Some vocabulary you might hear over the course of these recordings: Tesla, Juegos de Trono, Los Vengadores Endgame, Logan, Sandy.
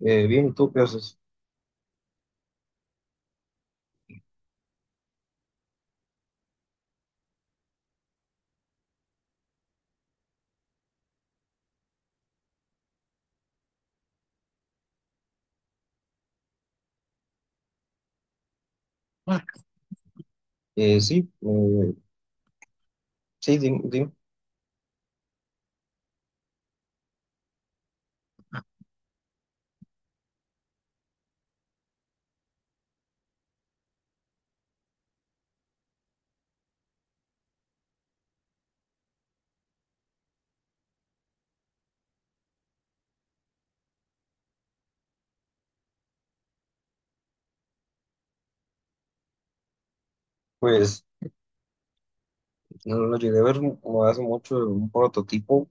Bien, ¿y tú qué haces? Eh, sí, eh, Dime. Pues no lo llegué a ver como hace mucho un prototipo,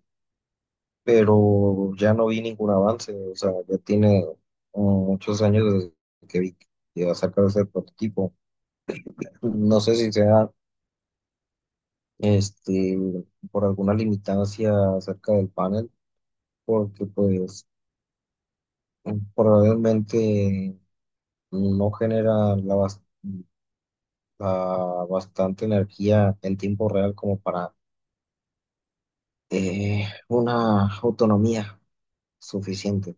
pero ya no vi ningún avance. O sea, ya tiene muchos años desde que vi que iba a sacar ese prototipo. No sé si sea este por alguna limitancia acerca del panel, porque pues probablemente no genera la bastante energía en tiempo real como para una autonomía suficiente.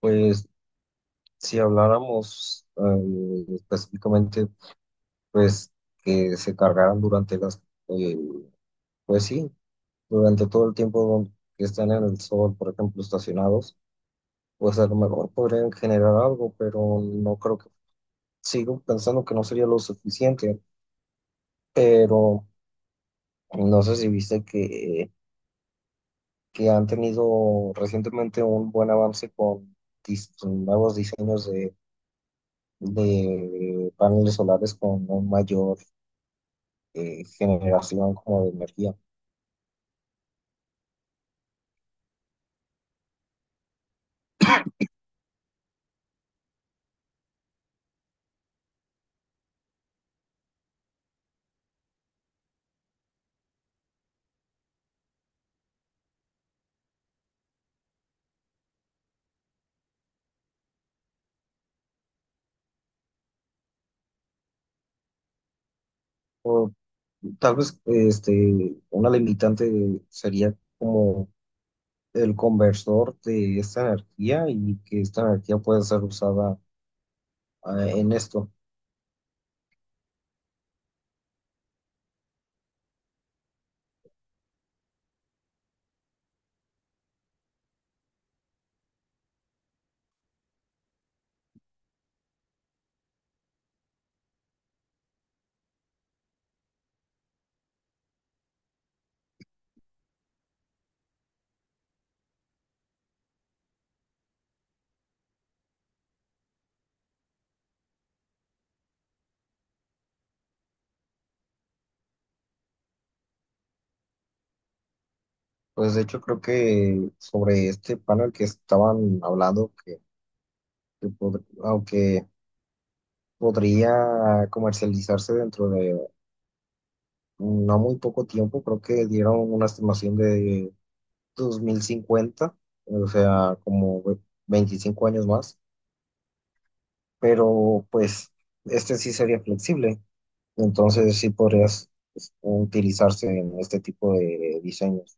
Pues si habláramos específicamente, pues que se cargaran durante eh, pues sí, durante todo el tiempo que están en el sol, por ejemplo, estacionados, pues a lo mejor podrían generar algo, pero no creo que, sigo pensando que no sería lo suficiente, pero no sé si viste que han tenido recientemente un buen avance con nuevos diseños de paneles solares con una mayor generación como de energía. O tal vez una limitante sería como el conversor de esta energía y que esta energía puede ser usada en esto. Pues de hecho creo que sobre este panel que estaban hablando, aunque podría comercializarse dentro de no muy poco tiempo, creo que dieron una estimación de 2050, o sea, 25 años más, pero pues este sí sería flexible, entonces sí podrías, pues, utilizarse en este tipo de diseños.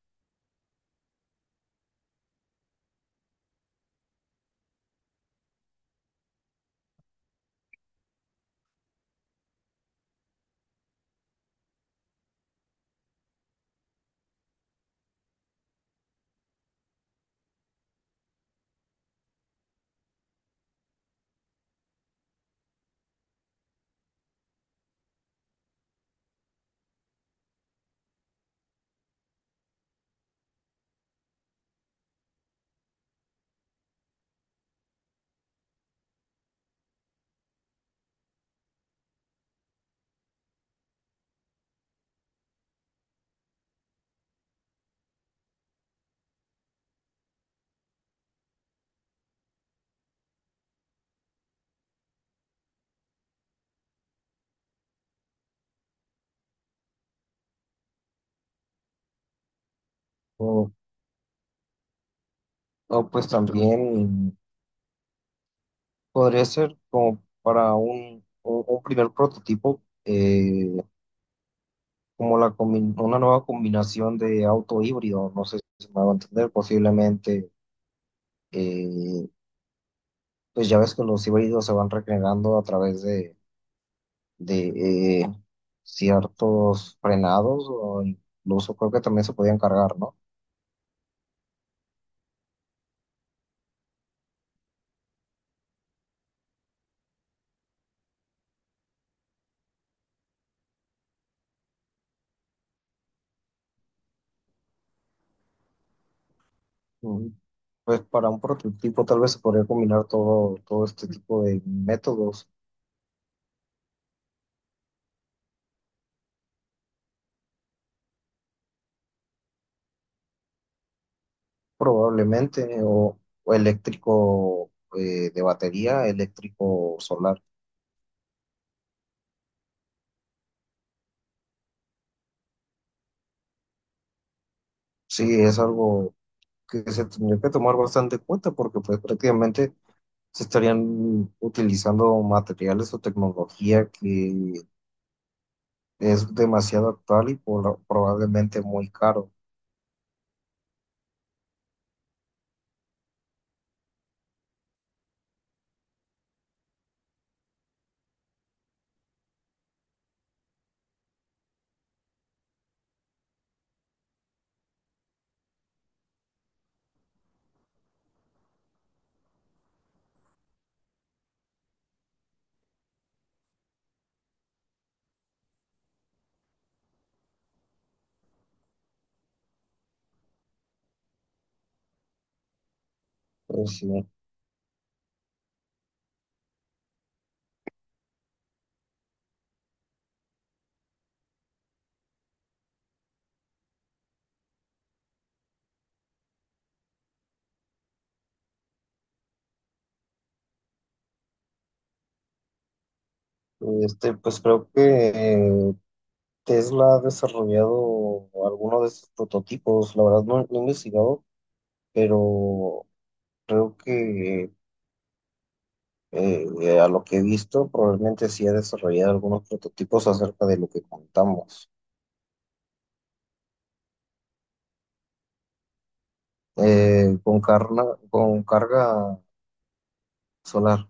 O, pues también podría ser como para un, un primer prototipo, como una nueva combinación de auto híbrido, no sé si me va a entender, posiblemente, eh, pues ya ves que los híbridos se van regenerando a través de de eh, ciertos frenados o incluso creo que también se podían cargar, ¿no? Mm. Pues para un prototipo tal vez se podría combinar todo, todo este tipo de métodos, probablemente, o eléctrico, de batería, eléctrico solar. Sí, es algo que se tendría que tomar bastante en cuenta porque pues prácticamente se estarían utilizando materiales o tecnología que es demasiado actual y probablemente muy caro. Pues sí. Pues creo que Tesla ha desarrollado algunos de estos prototipos. La verdad no he investigado, pero creo que a lo que he visto probablemente sí ha desarrollado algunos prototipos acerca de lo que contamos. Eh, con carga, con carga solar.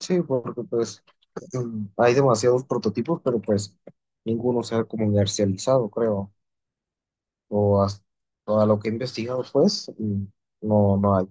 Sí, porque pues hay demasiados prototipos, pero pues ninguno se ha comercializado, creo. O hasta a lo que he investigado, pues, no, no hay.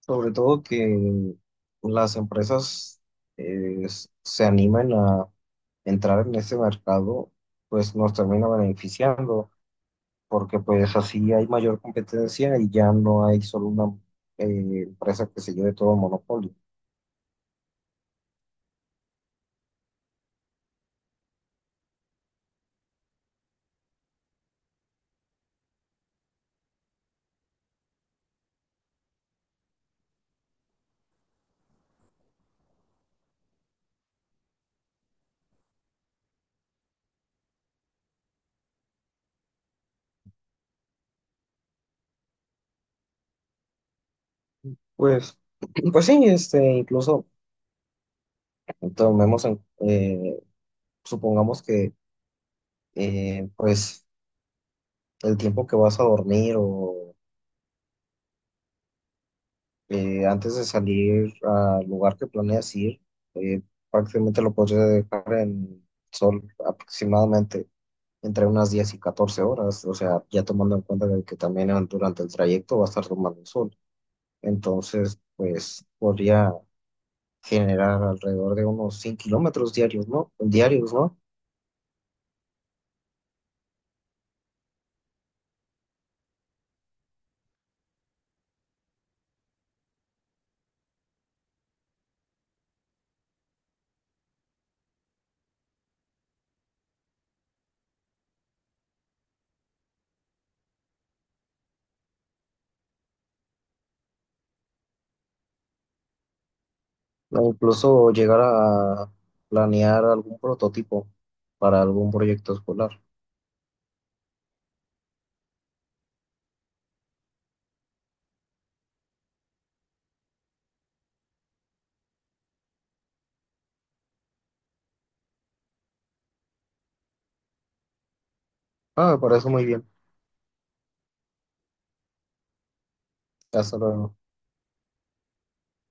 Sobre todo que las empresas eh, se animen a entrar en ese mercado, pues nos termina beneficiando, porque pues así hay mayor competencia y ya no hay solo una empresa que se lleve todo el monopolio. Pues, pues sí, incluso. Tomemos en- eh, Supongamos que, pues, el tiempo que vas a dormir o, antes de salir al lugar que planeas ir, eh, prácticamente lo podrías dejar en sol aproximadamente entre unas 10 y 14 horas, o sea, ya tomando en cuenta de que también durante el trayecto va a estar tomando el sol. Entonces, pues podría generar alrededor de unos 100 kilómetros diarios, ¿no? Diarios, ¿no? O incluso llegar a planear algún prototipo para algún proyecto escolar. Ah, me parece muy bien. Hasta luego.